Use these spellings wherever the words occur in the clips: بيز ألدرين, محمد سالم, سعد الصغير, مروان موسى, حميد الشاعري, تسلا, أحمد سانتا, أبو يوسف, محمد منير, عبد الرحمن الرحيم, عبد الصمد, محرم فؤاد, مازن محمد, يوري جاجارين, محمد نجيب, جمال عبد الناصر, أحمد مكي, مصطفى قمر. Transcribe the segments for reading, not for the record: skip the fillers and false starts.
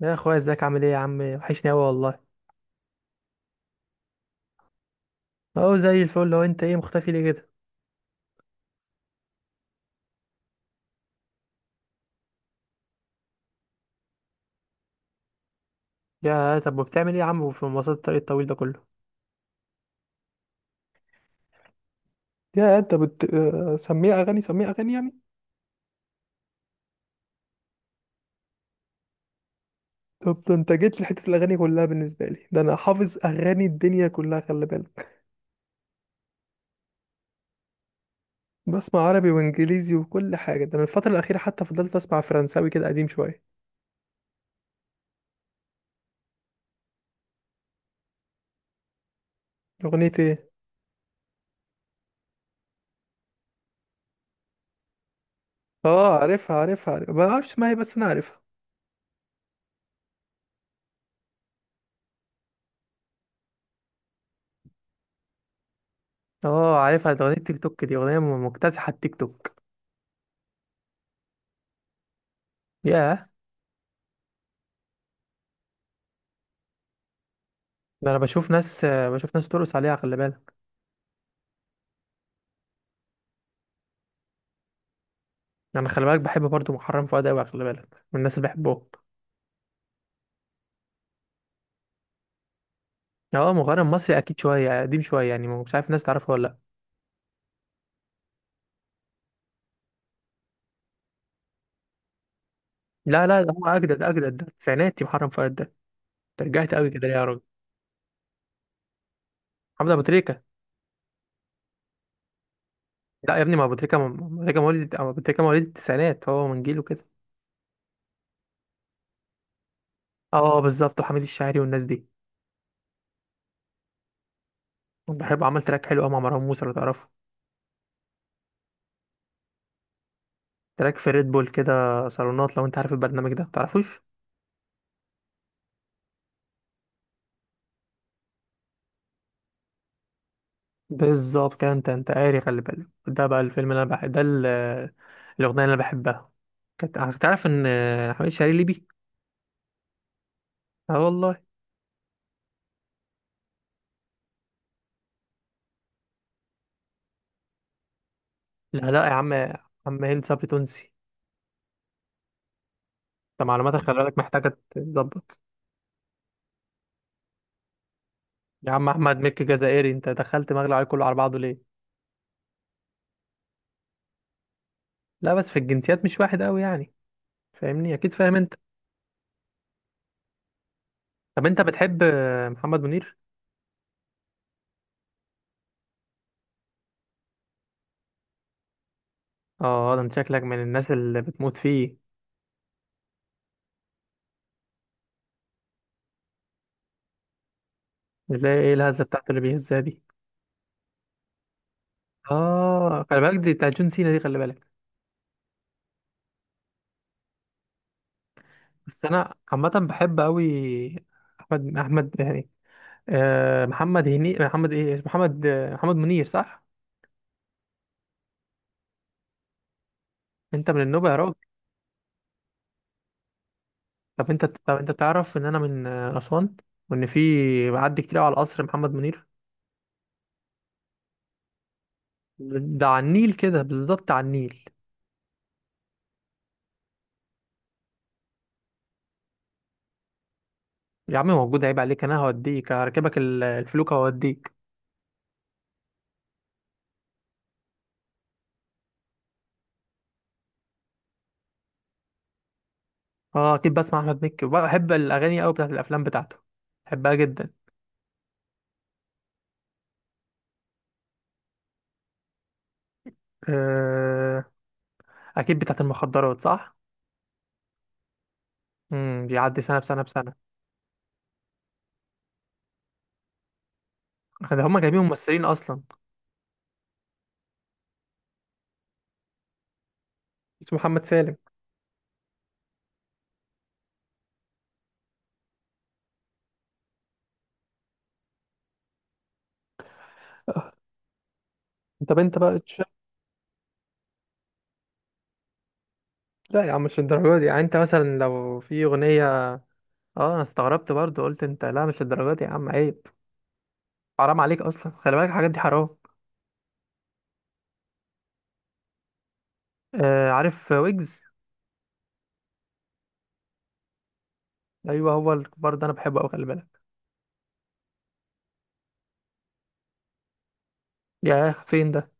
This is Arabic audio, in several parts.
يا اخويا، ازيك؟ عامل ايه يا عم؟ وحشني اوي والله. اهو زي الفل. لو انت ايه، مختفي ليه كده؟ يا طب، وبتعمل ايه يا عم في مواصلات الطريق الطويل ده كله؟ يا انت بت آه، سميه اغاني سميه اغاني يعني. طب ده انت جيت لحته الاغاني كلها بالنسبه لي، ده انا حافظ اغاني الدنيا كلها، خلي بالك. بسمع عربي وانجليزي وكل حاجه، ده انا الفتره الاخيره حتى فضلت اسمع فرنساوي كده قديم شويه. اغنيه ايه؟ اه عارفها عارفها عارفها، ما اعرفش اسمها ايه بس انا عارفها. اه عارفها، ده اغنيه تيك توك، دي اغنيه مكتسحه التيك توك. يا، ده انا بشوف ناس ترقص عليها، خلي بالك. انا خلي بالك بحب برضو محرم فؤاد قوي، خلي بالك من الناس اللي بحبهم. اه مغني مصري اكيد، شويه قديم شويه يعني، مش عارف الناس تعرفه ولا. لا لا لا، ده هو اجدد اجدد، ده التسعيناتي محرم فؤاد ده. ترجعت قوي كده ليه يا راجل؟ محمد ابو تريكه. لا يا ابني، ما ابو تريكه ابو تريكه مواليد أو ابو تريكه مواليد التسعينات، هو من جيله كده. اه بالظبط، وحميد الشاعري والناس دي. بحب عمل تراك حلو قوي مع مروان موسى لو تعرفه. تراك في ريد بول كده، صالونات، لو انت عارف البرنامج ده تعرفوش. بالظبط كده، انت قاري، خلي بالك. ده بقى الفيلم اللي انا بحب، ده الاغنيه اللي انا بحبها. كانت هتعرف ان حميد شاعري ليبي. اه والله. لا لا يا عم، عم هند صبري تونسي. انت معلوماتك خلي بالك محتاجه تتظبط. يا عم احمد مكي جزائري، انت دخلت مغلى عليه كله على بعضه ليه؟ لا بس في الجنسيات مش واحد قوي يعني. فاهمني، اكيد فاهم انت. طب انت بتحب محمد منير؟ اه ده انت شكلك من الناس اللي بتموت فيه. اللي هي ايه الهزه بتاعته اللي بيهزها دي؟ اه خلي بالك دي بتاعت جون سينا دي، خلي بالك. بس انا عامه بحب قوي، احمد يعني، محمد هني محمد ايه اسمه محمد محمد منير صح. انت من النوبه يا راجل؟ طب انت تعرف ان انا من اسوان، وان في معدي كتير قوي على القصر محمد منير. ده على النيل كده، بالظبط على النيل. يا عم موجود، عيب عليك، انا هوديك، هركبك الفلوكه وهوديك. اه اكيد بسمع احمد مكي، وبحب الاغاني قوي بتاعت الافلام بتاعته، بحبها جدا. آه، اكيد بتاعت المخدرات صح. بيعدي سنه بسنه بسنه. ده هما جايبين ممثلين اصلا، اسمه محمد سالم. طب انت بقى تشوف. لا يا عم مش الدرجه دي يعني، انت مثلا لو في اغنيه. اه انا استغربت برضو، قلت انت لا مش الدرجه دي يا عم، عيب. حرام عليك اصلا، خلي بالك الحاجات دي حرام. آه عارف، ويجز. ايوه هو الكبار ده انا بحبه قوي، خلي بالك. ياه، فين ده؟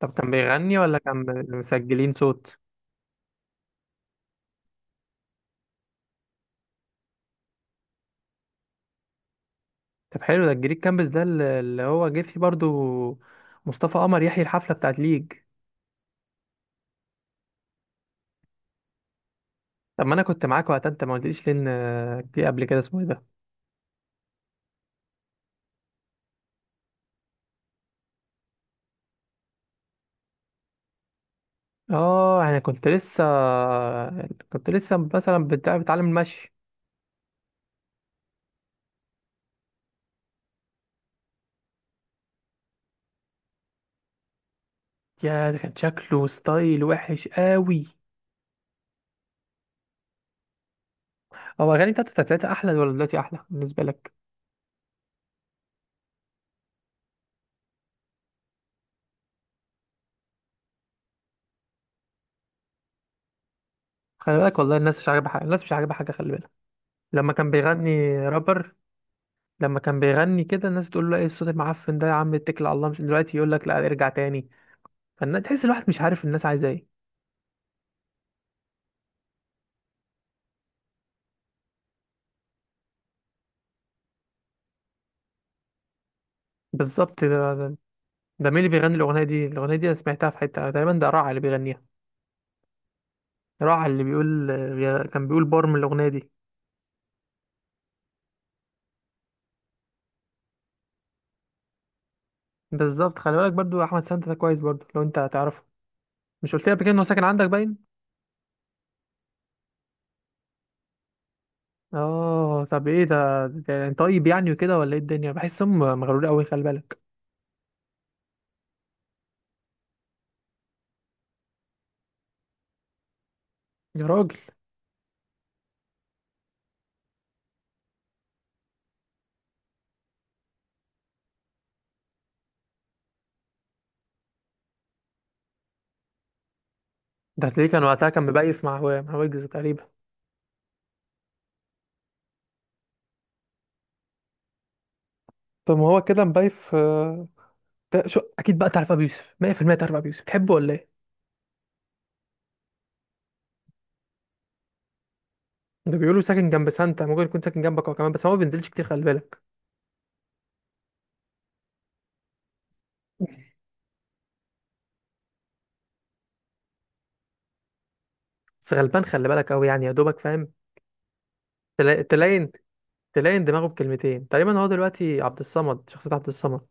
طب كان بيغني ولا كان مسجلين صوت؟ طب حلو، ده الجريك كامبس ده اللي هو جه فيه برضو مصطفى قمر يحيي الحفله بتاعت ليج. طب ما انا كنت معاك وقتها، انت ما قلتليش، لان في قبل كده اسمه إيه ده. اه يعني كنت لسه، كنت لسه مثلا بتعلم المشي. يا، ده كان شكله ستايل وحش قوي. هو اغاني بتاعته بتاعت ساعتها احلى ولا دلوقتي احلى بالنسبه لك؟ خلي بالك والله الناس مش عاجبها حاجه، الناس مش عاجبها حاجه، خلي بالك. لما كان بيغني رابر، لما كان بيغني كده الناس تقول له ايه الصوت المعفن ده يا عم اتكل على الله، مش دلوقتي يقول لك لا ارجع تاني؟ فالناس تحس، الواحد مش عارف الناس عايزه ايه. بالظبط. ده مين اللي بيغني الاغنيه دي؟ الاغنيه دي انا سمعتها في حته تقريبا، ده راعي اللي بيغنيها. راعي اللي بيقول كان بيقول بار من الاغنيه دي. بالظبط، خلي بالك برضو احمد سانتا ده كويس برضو لو انت هتعرفه. مش قلت لي قبل كده ان هو ساكن عندك باين؟ اه طب ايه ده، انت طيب يعني وكده ولا ايه الدنيا، بحسهم مغرور قوي، خلي بالك. يا راجل، ده هتلاقيه كان وقتها كان مبايف مع مع ويجز تقريبا. طب ما هو كده مبايف. ده شو اكيد بقى تعرف ابو يوسف 100%، تعرف ابو يوسف تحبه ولا ايه؟ ده بيقولوا ساكن جنب سانتا، ممكن يكون ساكن جنبك هو كمان، بس هو ما بينزلش كتير، خلي بالك. بس غلبان، خلي بالك قوي يعني يا دوبك فاهم. تلاين، تلاين دماغه بكلمتين تقريبا. هو دلوقتي عبد الصمد، شخصية عبد الصمد.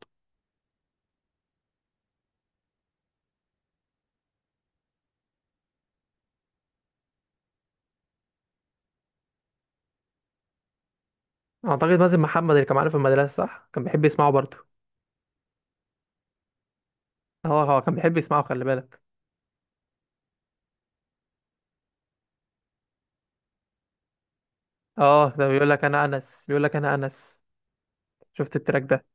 اعتقد مازن محمد اللي كان معانا في المدرسه صح كان بيحب يسمعه برضه. اه هو كان بيحب يسمعه، خلي بالك. اه ده بيقول لك انا انس، بيقول لك انا انس. شفت التراك ده؟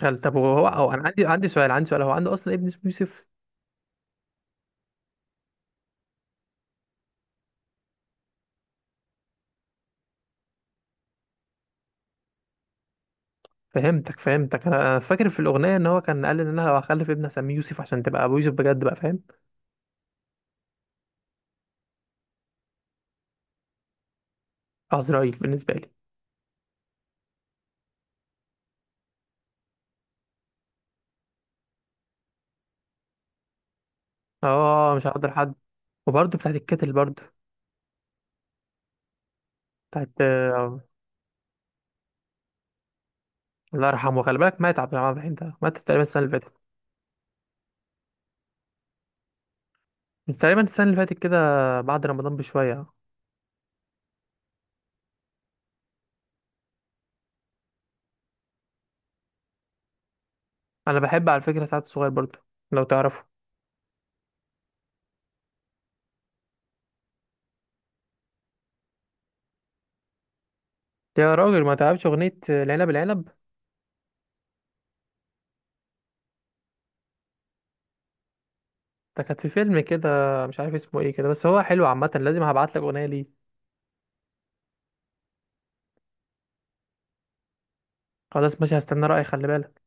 قال طب هو انا عندي سؤال، عندي سؤال. هو عنده اصلا ابن اسمه يوسف؟ فهمتك فهمتك، أنا فاكر في الاغنيه ان هو كان قال ان انا لو هخلف ابني هسميه يوسف عشان تبقى ابو يوسف بجد، بقى فاهم. عزرائيل بالنسبه لي. اه مش هقدر حد. وبرضه بتاعت الكتل برضه، بتاعت. الله يرحمه، خلي بالك مات عبد الرحمن الرحيم ده، مات تقريبا السنه اللي فاتت. تقريبا السنه اللي فاتت كده، بعد رمضان بشويه. انا بحب على فكره سعد الصغير برضو، لو تعرفه. يا راجل ما تعرفش اغنيه العنب العنب؟ ده كانت في فيلم كده، مش عارف اسمه ايه كده، بس هو حلو عامه، لازم هبعت لك اغنيه ليه. خلاص ماشي، هستنى رايك خلي بالك.